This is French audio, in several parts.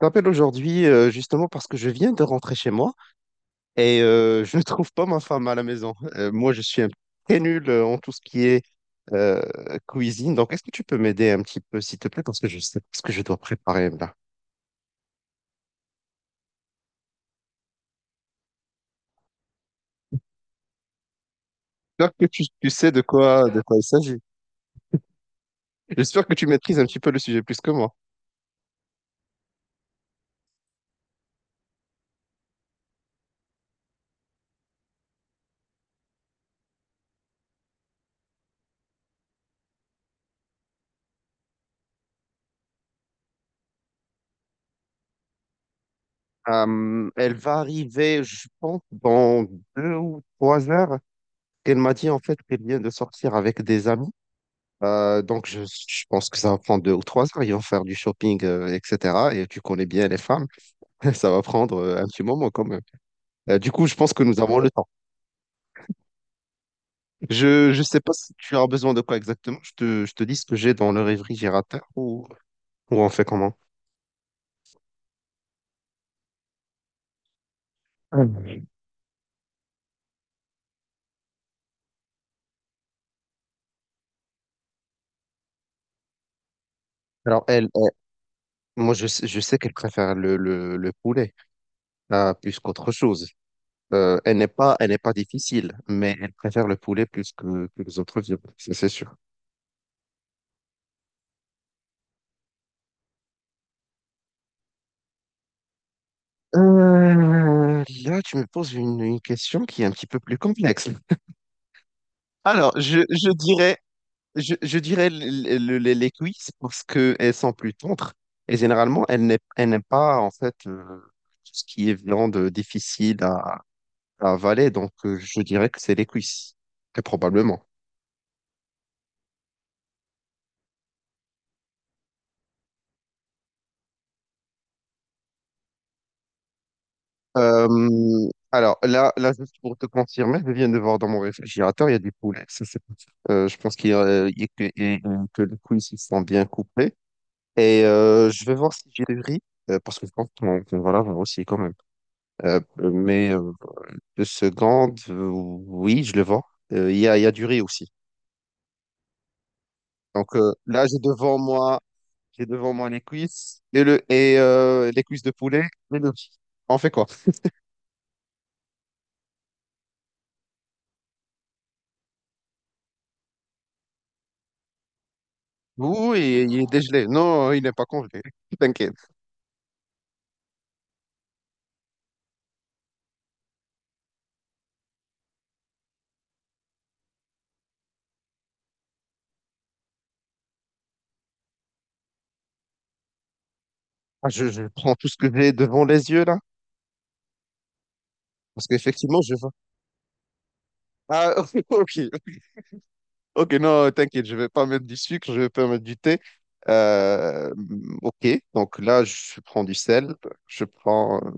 T'appelle aujourd'hui, justement parce que je viens de rentrer chez moi et je ne trouve pas ma femme à la maison. Moi, je suis un très nul en tout ce qui est euh, cuisine. Donc, est-ce que tu peux m'aider un petit peu, s'il te plaît, parce que je sais pas ce que je dois préparer là. J'espère que tu sais de quoi il s'agit. J'espère que tu maîtrises un petit peu le sujet plus que moi. Elle va arriver, je pense, dans 2 ou 3 heures. Elle m'a dit en fait qu'elle vient de sortir avec des amis. Donc je pense que ça va prendre 2 ou 3 heures. Ils vont faire du shopping, etc. Et tu connais bien les femmes. Ça va prendre un petit moment quand même. Du coup, je pense que nous avons le temps. Je sais pas si tu as besoin de quoi exactement. Je te dis ce que j'ai dans le réfrigérateur, ou on fait comment? Alors moi je sais qu'elle préfère le poulet, plus qu'autre chose. Elle n'est pas difficile, mais elle préfère le poulet plus que les autres viandes, ça c'est sûr. Là, tu me poses une question qui est un petit peu plus complexe. Alors, je dirais les cuisses parce qu'elles sont plus tendres et généralement, elles n'aiment pas en fait tout ce qui est viande difficile à avaler, donc je dirais que c'est les cuisses, très probablement. Alors juste pour te confirmer, je viens de voir dans mon réfrigérateur, il y a du poulet. Ça, c'est pas ça. Je pense qu'il y a que, et, que les couilles ici sont bien coupées. Et je vais voir si j'ai du riz, parce que je pense qu'on va l'avoir aussi quand même. Mais 2 secondes, oui, je le vois. Il y a du riz aussi. Donc là, j'ai devant moi les cuisses et les cuisses de poulet et le riz. On fait quoi? Oui, il est dégelé. Non, il n'est pas congelé. T'inquiète. Ah, je prends tout ce que j'ai devant les yeux là. Parce qu'effectivement, je vois. Ah, ok. Ok, non, t'inquiète, je vais pas mettre du sucre, je vais pas mettre du thé. Euh, ok, donc là, je prends du sel, je prends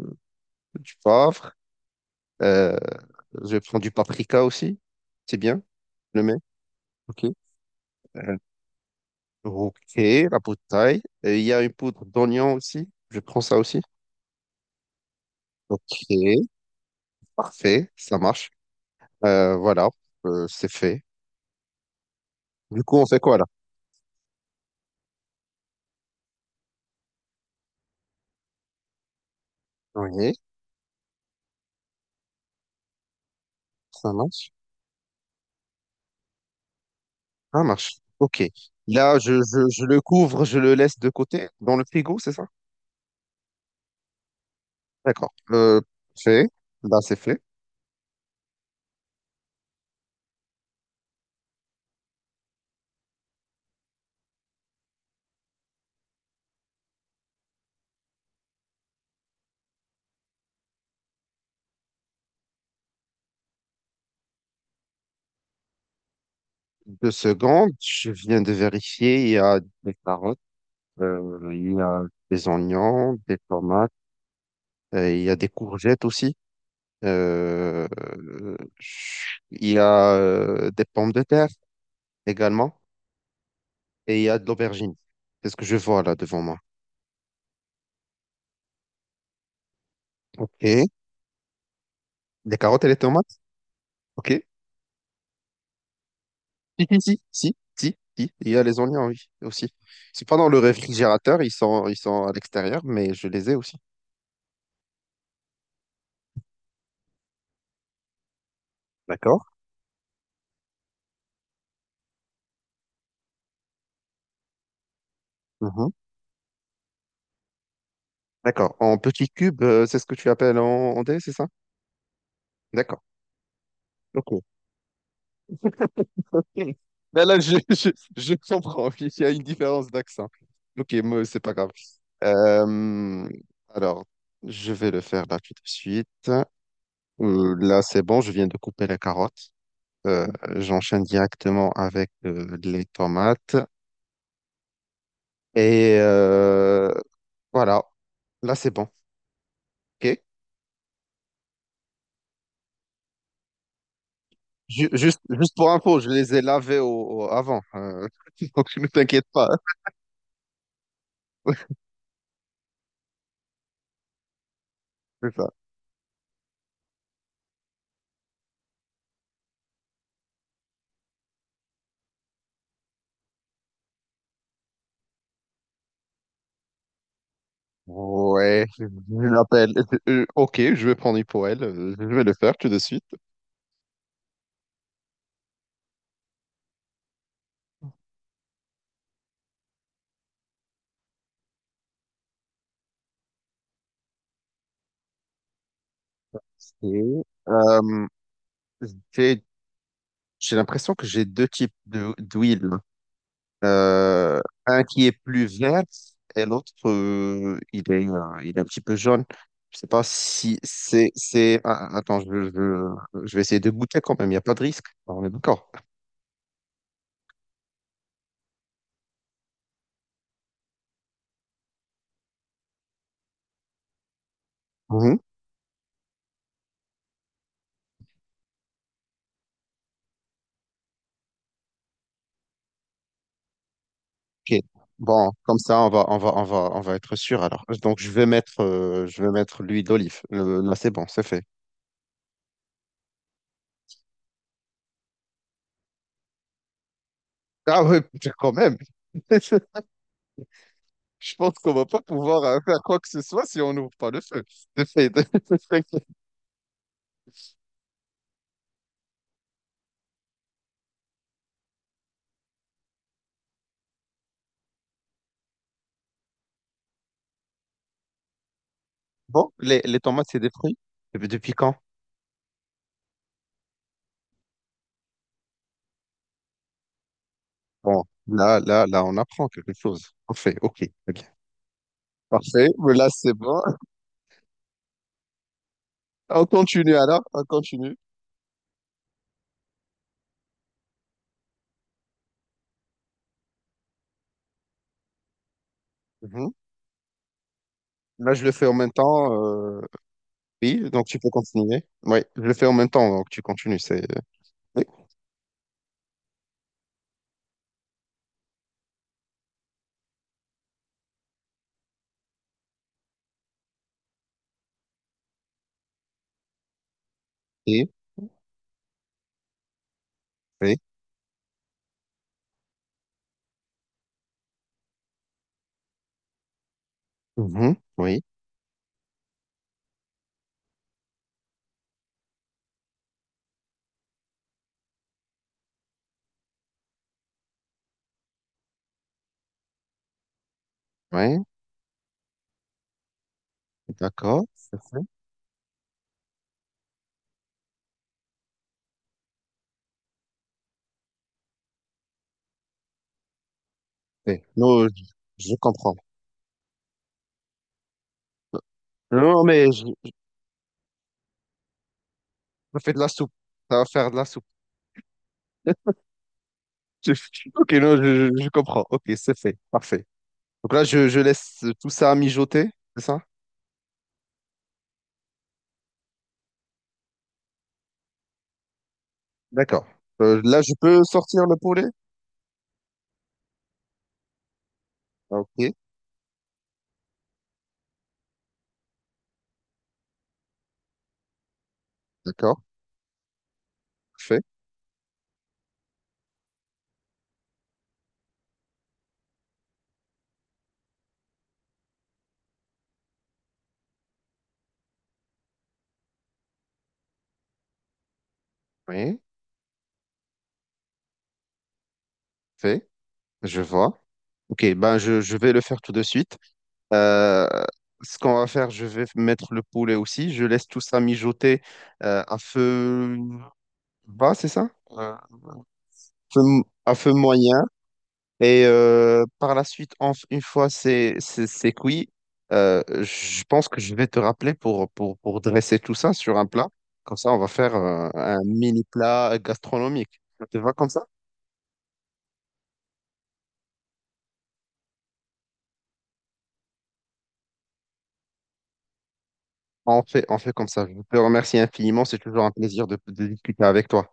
du poivre, euh, je prends du paprika aussi. C'est bien, je le mets. Ok. Euh, ok, la poudre taille. Et il y a une poudre d'oignon aussi. Je prends ça aussi. Ok, parfait, ça marche. Voilà, c'est fait. Du coup, on fait quoi là? Oui. Ça marche? Ça marche. Ok. Là, je le couvre, je le laisse de côté dans le frigo, c'est ça? D'accord. Fait. Là, c'est fait. 2 secondes. Je viens de vérifier. Il y a des carottes, il y a des oignons, des tomates, il y a des courgettes aussi. Euh, il y a des pommes de terre également. Et il y a de l'aubergine. C'est ce que je vois là devant moi. Ok. Des carottes et les tomates? Ok. Si, si, si, si, si, si, il y a les oignons, oui, aussi. C'est pas dans le réfrigérateur, ils sont à l'extérieur, mais je les ai aussi. D'accord. Mhm. D'accord. En petit cube, c'est ce que tu appelles en dé, c'est ça? D'accord. Ok. Ok. Ben là, je comprends. Il y a une différence d'accent. Ok, moi, c'est pas grave. Euh, alors, je vais le faire là tout de suite. Là, c'est bon, je viens de couper la carotte. Euh, J'enchaîne directement avec les tomates. Et voilà, là c'est bon. Ok. Juste pour info, je les ai lavés avant. Donc ne t'inquiète pas, hein, c'est ça. Ouais, je l'appelle. Ok, je vais prendre pour elle. Je vais le faire tout de suite. Et, euh, j'ai j'ai l'impression que j'ai deux types d'huile. Euh, un qui est plus vert et l'autre, il est un petit peu jaune. Je sais pas si attends, je vais essayer de goûter quand même. Il n'y a pas de risque. Ah, on est d'accord. Mhm. Ok. Bon, comme ça, on va être sûr. Alors, donc, je vais mettre l'huile d'olive. Là, c'est bon, c'est fait. Ah oui, quand même. Je pense qu'on va pas pouvoir faire quoi que ce soit si on n'ouvre pas le feu. C'est fait. Bon, les tomates, c'est des fruits. Depuis quand? Bon, on apprend quelque chose. Parfait, ok, très bien. Parfait, mais là, c'est bon. On continue alors, on continue. Mhm. Là, je le fais en même temps. Oui, donc tu peux continuer. Oui, je le fais en même temps, donc tu continues. Oui, oui, oui. Mhm. Oui, oui, d'accord. C'est fait. Oui. Non, je comprends. Non, mais je fais de la soupe. Ça va faire de la soupe. Ok, non, je comprends. Ok, c'est fait. Parfait. Donc là, je laisse tout ça mijoter, c'est ça? D'accord. Là, je peux sortir le poulet? Ah, ok, d'accord. Fait. Oui, fait. Je vois. Ok, ben je vais le faire tout de suite. Euh, Ce qu'on va faire, je vais mettre le poulet aussi. Je laisse tout ça mijoter à feu bas, c'est ça? À feu moyen. Et par la suite, une fois c'est cuit, je pense que je vais te rappeler pour dresser tout ça sur un plat. Comme ça, on va faire un mini plat gastronomique. Ça te va comme ça? On fait comme ça. Je te remercie infiniment. C'est toujours un plaisir de discuter avec toi.